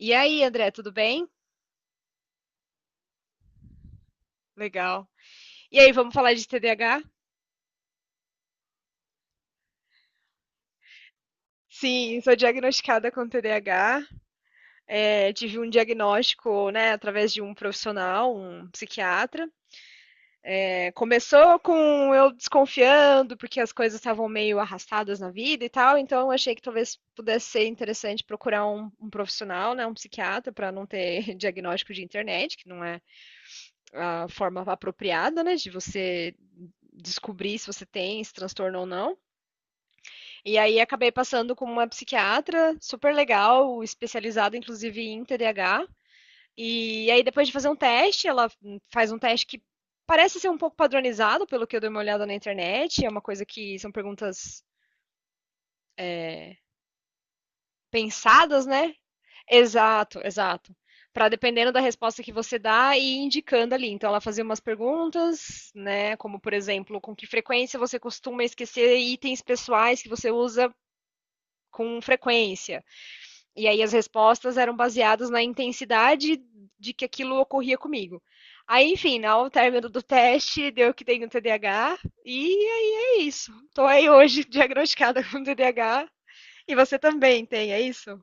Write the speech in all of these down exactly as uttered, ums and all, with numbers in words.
E aí, André, tudo bem? Legal. E aí, vamos falar de tê dê a agá? Sim, sou diagnosticada com tê dê a agá. É, tive um diagnóstico, né, através de um profissional, um psiquiatra. É, começou com eu desconfiando, porque as coisas estavam meio arrastadas na vida e tal, então eu achei que talvez pudesse ser interessante procurar um, um profissional, né, um psiquiatra, para não ter diagnóstico de internet, que não é a forma apropriada, né, de você descobrir se você tem esse transtorno ou não. E aí acabei passando com uma psiquiatra super legal, especializada inclusive em tê dê a agá. E aí depois de fazer um teste, ela faz um teste que parece ser um pouco padronizado, pelo que eu dei uma olhada na internet. É uma coisa que são perguntas é, pensadas, né? Exato, exato. Para dependendo da resposta que você dá e indicando ali. Então ela fazia umas perguntas, né? Como por exemplo, com que frequência você costuma esquecer itens pessoais que você usa com frequência? E aí as respostas eram baseadas na intensidade de que aquilo ocorria comigo. Aí, enfim, né, ao término do teste, deu que tenho tê dê a agá, e aí é isso. Estou aí hoje diagnosticada com tê dê a agá, e você também tem, é isso?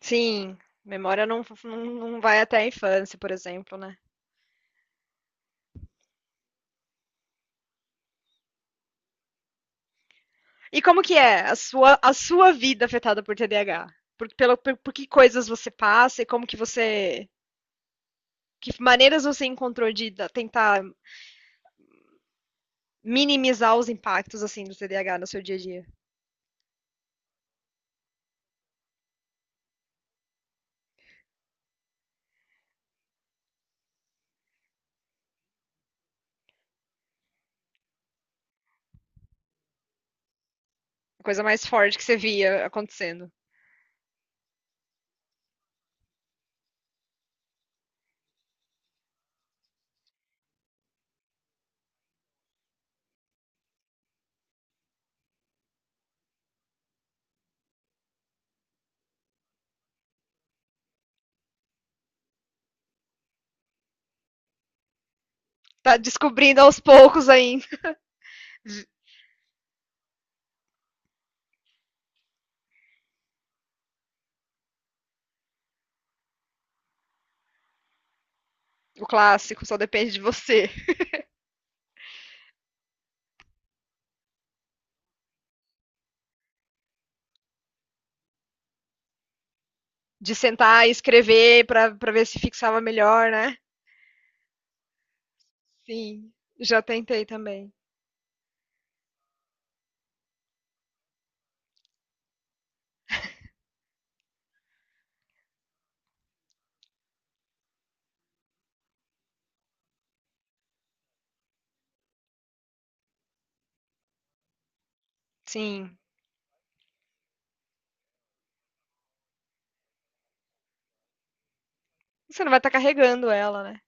Sim, memória não, não, não vai até a infância, por exemplo, né? E como que é a sua, a sua vida afetada por tê dê a agá? Por, pelo, por, por que coisas você passa e como que você... Que maneiras você encontrou de tentar minimizar os impactos assim do tê dê a agá no seu dia a dia. A coisa mais forte que você via acontecendo. Tá descobrindo aos poucos ainda. O clássico só depende de você. De sentar e escrever pra, pra ver se fixava melhor, né? Sim, já tentei também. Sim. Você não vai estar tá carregando ela, né?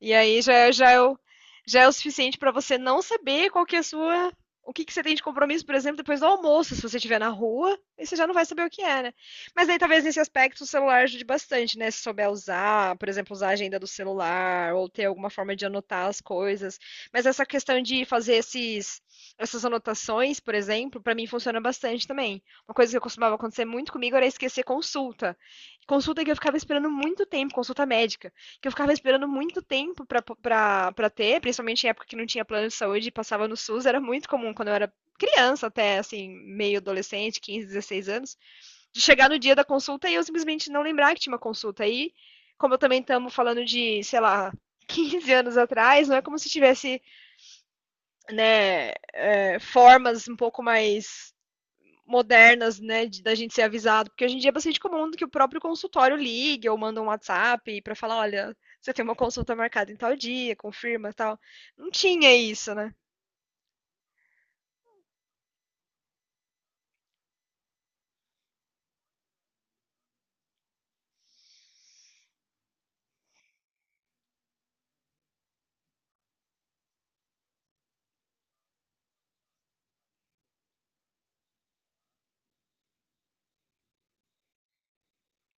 E aí já, é- já, é, o, já é o suficiente para você não saber qual que é a sua. O que, que você tem de compromisso, por exemplo, depois do almoço, se você estiver na rua, aí você já não vai saber o que é, né? Mas aí talvez nesse aspecto o celular ajude bastante, né? Se souber usar, por exemplo, usar a agenda do celular, ou ter alguma forma de anotar as coisas. Mas essa questão de fazer esses, essas anotações, por exemplo, para mim funciona bastante também. Uma coisa que costumava acontecer muito comigo era esquecer consulta. Consulta que eu ficava esperando muito tempo, consulta médica que eu ficava esperando muito tempo pra, pra, pra ter, principalmente em época que não tinha plano de saúde e passava no SUS, era muito comum quando eu era criança até, assim, meio adolescente, quinze, dezesseis anos, de chegar no dia da consulta e eu simplesmente não lembrar que tinha uma consulta. E como eu também estamos falando de, sei lá, quinze anos atrás, não é como se tivesse, né, é, formas um pouco mais modernas, né, de, da gente ser avisado, porque hoje em dia é bastante comum que o próprio consultório ligue ou manda um WhatsApp para falar, olha, você tem uma consulta marcada em tal dia, confirma, e tal. Não tinha isso, né?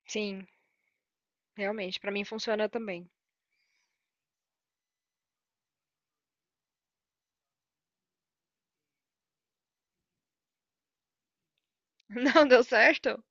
Sim, realmente, para mim funciona também. Não deu certo?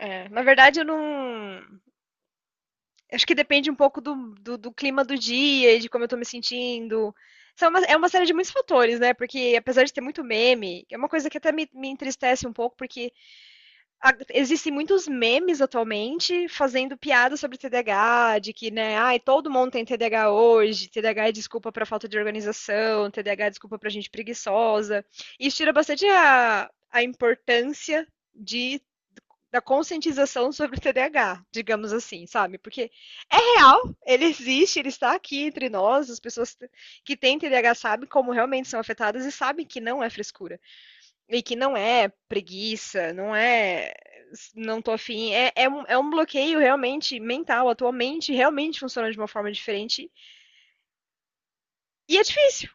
É, na verdade, eu não. Acho que depende um pouco do, do, do clima do dia e de como eu tô me sentindo. São uma, é uma série de muitos fatores, né? Porque apesar de ter muito meme, é uma coisa que até me, me entristece um pouco, porque a- existem muitos memes atualmente fazendo piada sobre tê dê a agá, de que, né, ai, todo mundo tem tê dê a agá hoje, tê dê a agá é desculpa para falta de organização, tê dê a agá é desculpa para gente preguiçosa. Isso tira bastante a, a importância de da conscientização sobre o tê dê a agá, digamos assim, sabe? Porque é real, ele existe, ele está aqui entre nós, as pessoas que têm tê dê a agá sabem como realmente são afetadas e sabem que não é frescura. E que não é preguiça, não é não tô afim, é, é, um, é um bloqueio realmente mental, a tua mente realmente funciona de uma forma diferente. E é difícil.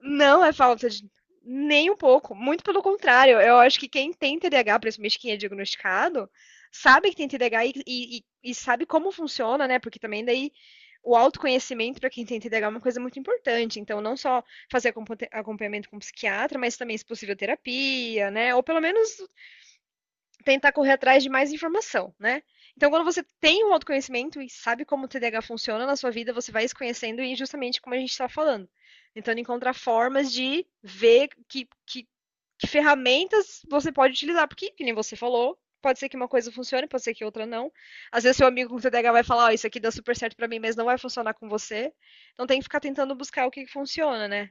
Não é falta de nem um pouco, muito pelo contrário. Eu acho que quem tem T D tê dê a agá, principalmente quem é diagnosticado, sabe que tem T tê dê a agá e, e, e sabe como funciona, né? Porque também daí o autoconhecimento para quem tem T D A H é uma coisa muito importante. Então, não só fazer acompanhamento com psiquiatra, mas também, se possível, terapia, né? Ou pelo menos tentar correr atrás de mais informação, né? Então, quando você tem um autoconhecimento e sabe como o tê dê a agá funciona na sua vida, você vai se conhecendo e justamente como a gente está falando. Tentando encontrar formas de ver que, que, que ferramentas você pode utilizar. Porque, que nem você falou, pode ser que uma coisa funcione, pode ser que outra não. Às vezes seu amigo com tê dê a agá vai falar, ó, oh, isso aqui dá super certo para mim, mas não vai funcionar com você. Então tem que ficar tentando buscar o que funciona, né?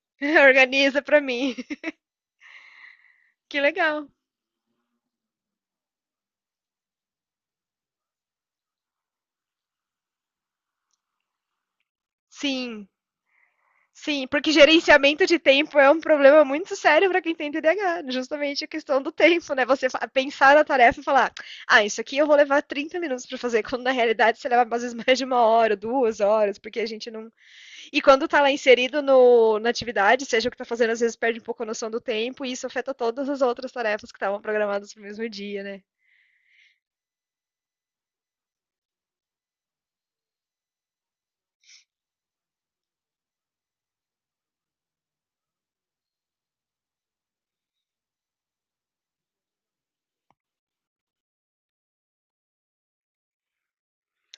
Organiza para mim. Que legal. Sim, Sim, porque gerenciamento de tempo é um problema muito sério para quem tem tê dê a agá, justamente a questão do tempo, né? Você fa- pensar na tarefa e falar, ah, isso aqui eu vou levar trinta minutos para fazer, quando na realidade você leva às vezes mais de uma hora, duas horas, porque a gente não. E quando tá lá inserido no, na atividade, seja o que tá fazendo, às vezes perde um pouco a noção do tempo, e isso afeta todas as outras tarefas que estavam programadas pro mesmo dia, né?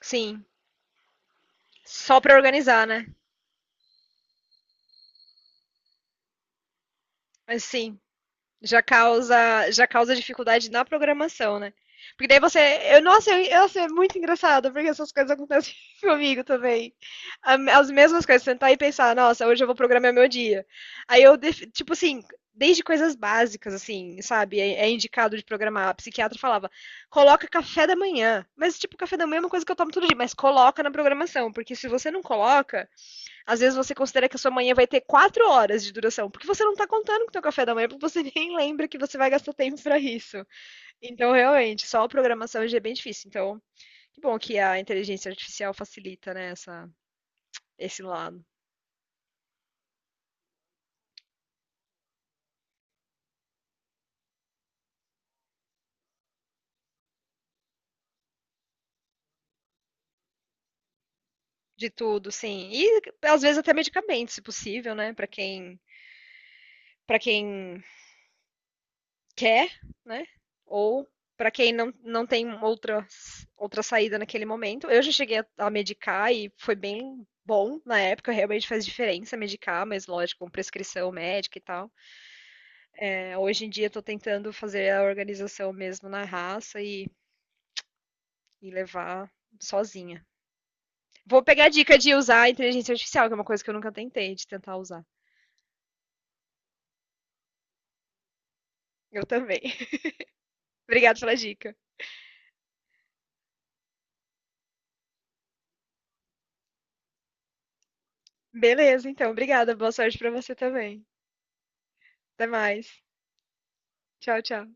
Sim, só para organizar, né? Mas sim. Já causa, já causa dificuldade na programação, né? Porque daí você. Eu, nossa, eu, nossa, é muito engraçado, porque essas coisas acontecem comigo também. A- As mesmas coisas, sentar e pensar, nossa, hoje eu vou programar meu dia. Aí eu, def- tipo assim, desde coisas básicas, assim, sabe? É, é indicado de programar. A psiquiatra falava, coloca café da manhã. Mas, tipo, café da manhã é uma coisa que eu tomo todo dia, mas coloca na programação, porque se você não coloca, às vezes você considera que a sua manhã vai ter quatro horas de duração, porque você não está contando com o seu café da manhã, porque você nem lembra que você vai gastar tempo para isso. Então, realmente, só a programação hoje é bem difícil. Então, que bom que a inteligência artificial facilita, né, essa, esse lado de tudo, sim. E às vezes até medicamentos, se possível, né, para quem para quem quer, né? Ou para quem não, não tem outra, outra saída naquele momento. Eu já cheguei a, a medicar e foi bem bom na época, realmente faz diferença medicar, mas lógico, com prescrição médica e tal. É, hoje em dia estou tentando fazer a organização mesmo na raça e, e levar sozinha. Vou pegar a dica de usar a inteligência artificial, que é uma coisa que eu nunca tentei de tentar usar. Eu também. Obrigada pela dica. Beleza, então. Obrigada. Boa sorte para você também. Até mais. Tchau, tchau.